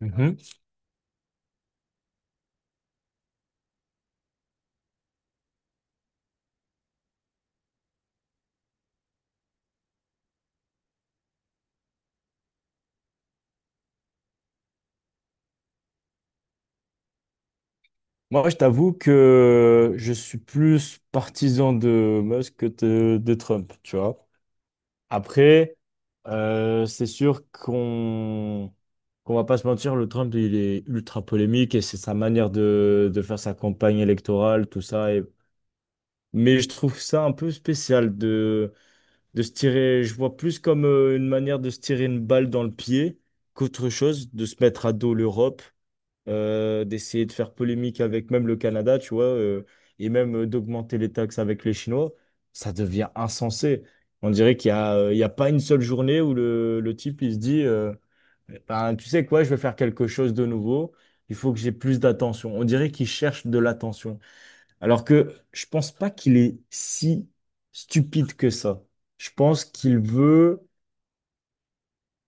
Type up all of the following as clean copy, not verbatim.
Mhm. Moi, je t'avoue que je suis plus partisan de Musk que de Trump, tu vois. Après, c'est sûr qu'on va pas se mentir, le Trump, il est ultra polémique et c'est sa manière de faire sa campagne électorale, tout ça. Mais je trouve ça un peu spécial de se tirer, je vois plus comme une manière de se tirer une balle dans le pied qu'autre chose, de se mettre à dos l'Europe, d'essayer de faire polémique avec même le Canada, tu vois, et même d'augmenter les taxes avec les Chinois, ça devient insensé. On dirait qu'il y a, il y a pas une seule journée où le type, il se dit, ben, tu sais quoi, je vais faire quelque chose de nouveau, il faut que j'ai plus d'attention. On dirait qu'il cherche de l'attention. Alors que je pense pas qu'il est si stupide que ça. Je pense qu'il veut,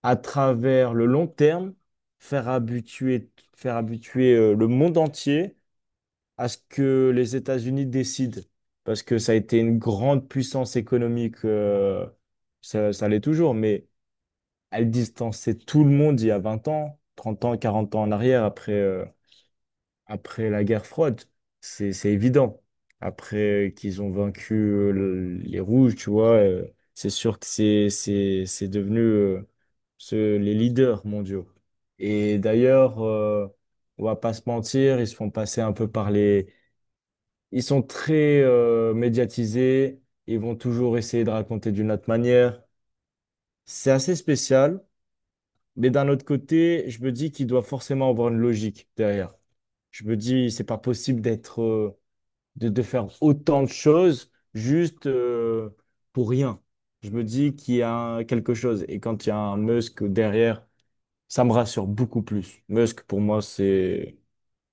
à travers le long terme, faire habituer, faire habituer le monde entier à ce que les États-Unis décident, parce que ça a été une grande puissance économique, ça l'est toujours, mais elle distançait tout le monde il y a 20 ans, 30 ans, 40 ans en arrière, après, après la guerre froide. C'est évident. Après qu'ils ont vaincu les Rouges, tu vois, c'est sûr que c'est devenu les leaders mondiaux. Et d'ailleurs, on va pas se mentir, ils se font passer un peu par les ils sont très médiatisés, ils vont toujours essayer de raconter d'une autre manière. C'est assez spécial, mais d'un autre côté, je me dis qu'il doit forcément avoir une logique derrière. Je me dis, c'est pas possible d'être, de faire autant de choses juste pour rien. Je me dis qu'il y a quelque chose. Et quand il y a un Musk derrière, ça me rassure beaucoup plus. Musk, pour moi, c'est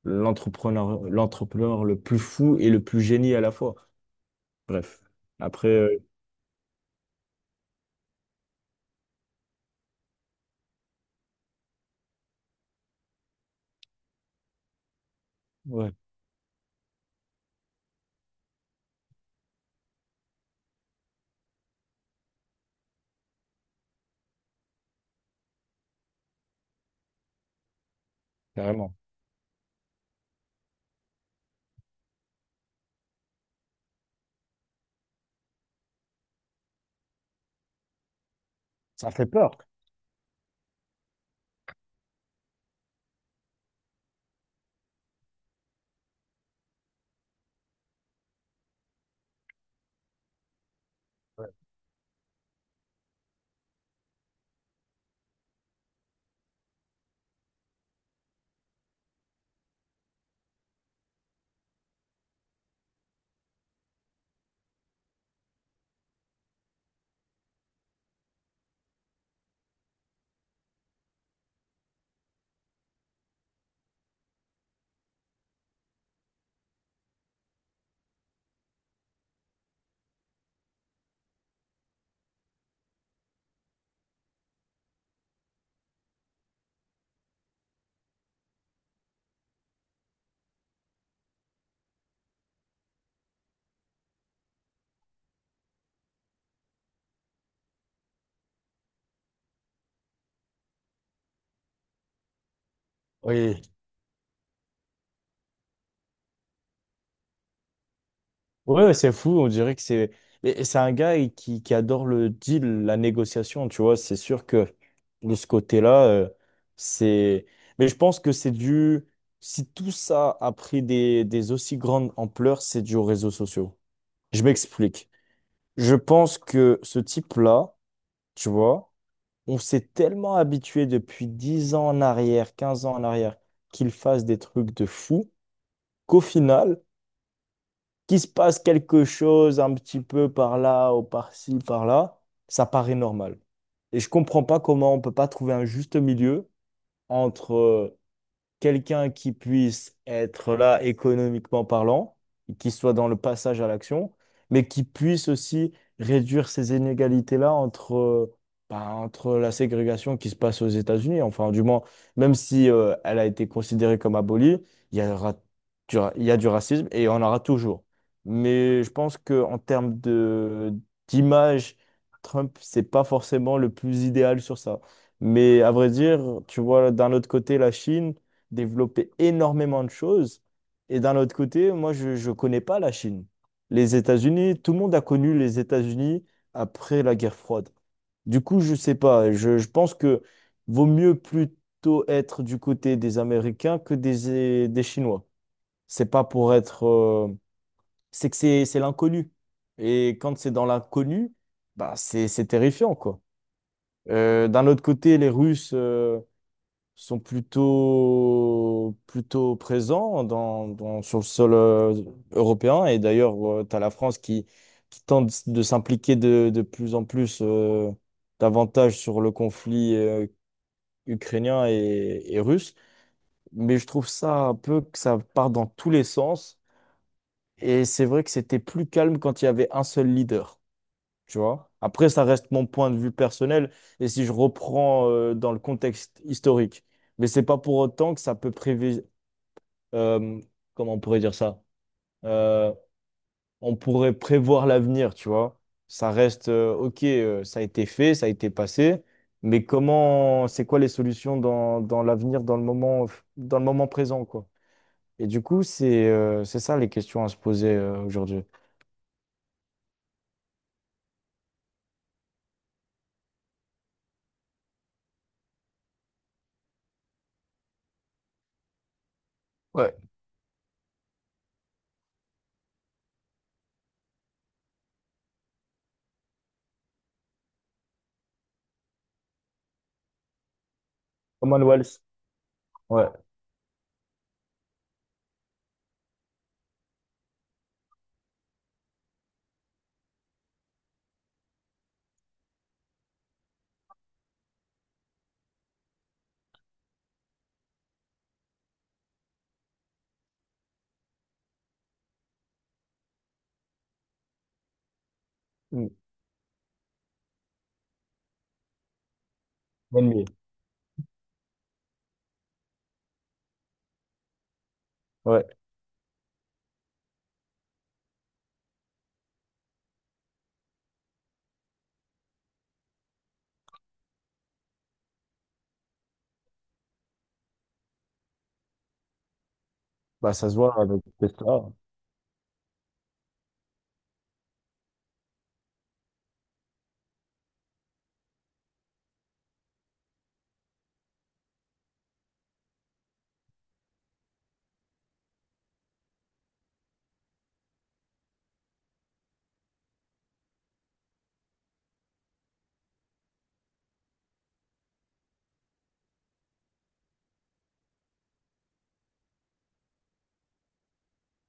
l'entrepreneur, l'entrepreneur le plus fou et le plus génie à la fois. Bref. Après, ouais, carrément. Ça fait peur. Oui. Ouais, ouais, c'est fou. On dirait que c'est. Et c'est un gars qui adore le deal, la négociation, tu vois. C'est sûr que de ce côté-là, c'est. Mais je pense que c'est dû. Si tout ça a pris des aussi grandes ampleurs, c'est dû aux réseaux sociaux. Je m'explique. Je pense que ce type-là, tu vois, on s'est tellement habitué depuis 10 ans en arrière, 15 ans en arrière, qu'il fasse des trucs de fou qu'au final, qu'il se passe quelque chose un petit peu par là ou par-ci, par-là, ça paraît normal. Et je comprends pas comment on peut pas trouver un juste milieu entre quelqu'un qui puisse être là économiquement parlant, qui soit dans le passage à l'action, mais qui puisse aussi réduire ces inégalités-là entre, bah, entre la ségrégation qui se passe aux États-Unis. Enfin, du moins, même si elle a été considérée comme abolie, il y aura il y a du racisme et il y en aura toujours. Mais je pense qu'en termes d'image, Trump, c'est pas forcément le plus idéal sur ça. Mais à vrai dire, tu vois, d'un autre côté, la Chine, développer énormément de choses. Et d'un autre côté, moi, je ne connais pas la Chine. Les États-Unis, tout le monde a connu les États-Unis après la guerre froide. Du coup, je ne sais pas. Je pense que vaut mieux plutôt être du côté des Américains que des Chinois. C'est pas pour être. C'est que c'est l'inconnu. Et quand c'est dans l'inconnu, bah c'est terrifiant, quoi. D'un autre côté, les Russes. Sont plutôt présents sur le sol européen. Et d'ailleurs, tu as la France qui tente de s'impliquer de plus en plus davantage sur le conflit ukrainien et russe. Mais je trouve ça un peu que ça part dans tous les sens. Et c'est vrai que c'était plus calme quand il y avait un seul leader. Tu vois? Après, ça reste mon point de vue personnel. Et si je reprends dans le contexte historique. Mais c'est pas pour autant que ça peut euh, comment on pourrait dire ça? Euh, on pourrait prévoir l'avenir, tu vois. Ça reste, ok, ça a été fait, ça a été passé, mais comment, c'est quoi les solutions dans, dans l'avenir, dans le moment présent, quoi. Et du coup, c'est ça les questions à se poser aujourd'hui. Ouais. Commonwealth, ouais. Mm. NBA, ouais, bah ça se voit avec Tesla,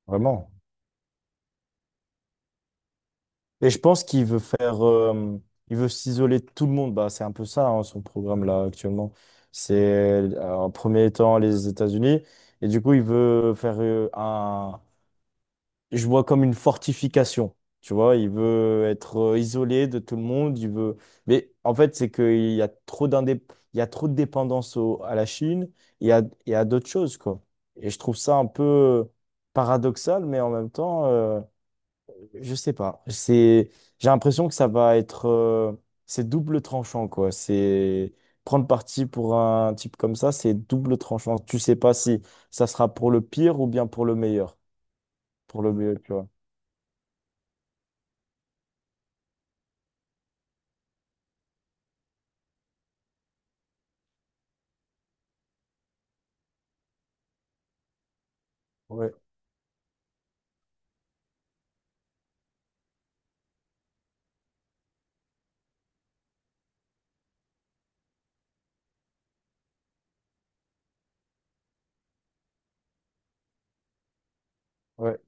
vraiment. Et je pense qu'il veut faire, il veut s'isoler de tout le monde. Bah, c'est un peu ça, hein, son programme là actuellement. C'est en premier temps les États-Unis. Et du coup, il veut faire je vois comme une fortification. Tu vois, il veut être isolé de tout le monde. Il veut, mais en fait, c'est qu'il y a il y a trop de dépendance à la Chine et à d'autres choses, quoi. Et je trouve ça un peu paradoxal, mais en même temps. Je sais pas. J'ai l'impression que ça va être, c'est double tranchant quoi. C'est prendre parti pour un type comme ça, c'est double tranchant. Tu sais pas si ça sera pour le pire ou bien pour le meilleur. Pour le mieux, tu vois. Ouais, ouais,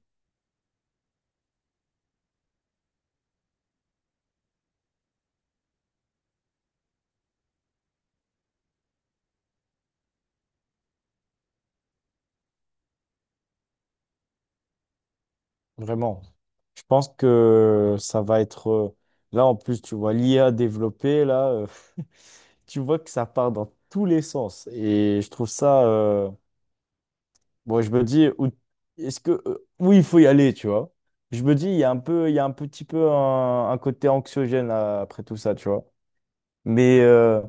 vraiment. Je pense que ça va être, là en plus, tu vois, l'IA développée là, tu vois que ça part dans tous les sens et je trouve ça. Bon, je me dis, oui, il faut y aller, tu vois. Je me dis, il y a un petit peu un côté anxiogène là, après tout ça, tu vois. Mais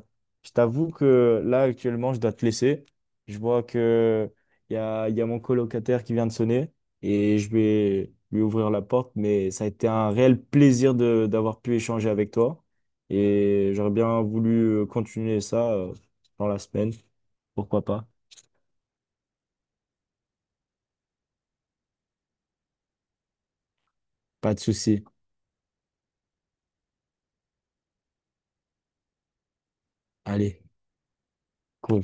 je t'avoue que là, actuellement, je dois te laisser. Je vois que il y a mon colocataire qui vient de sonner et je vais lui ouvrir la porte. Mais ça a été un réel plaisir d'avoir pu échanger avec toi. Et j'aurais bien voulu continuer ça dans la semaine. Pourquoi pas? Pas de souci. Allez, cool.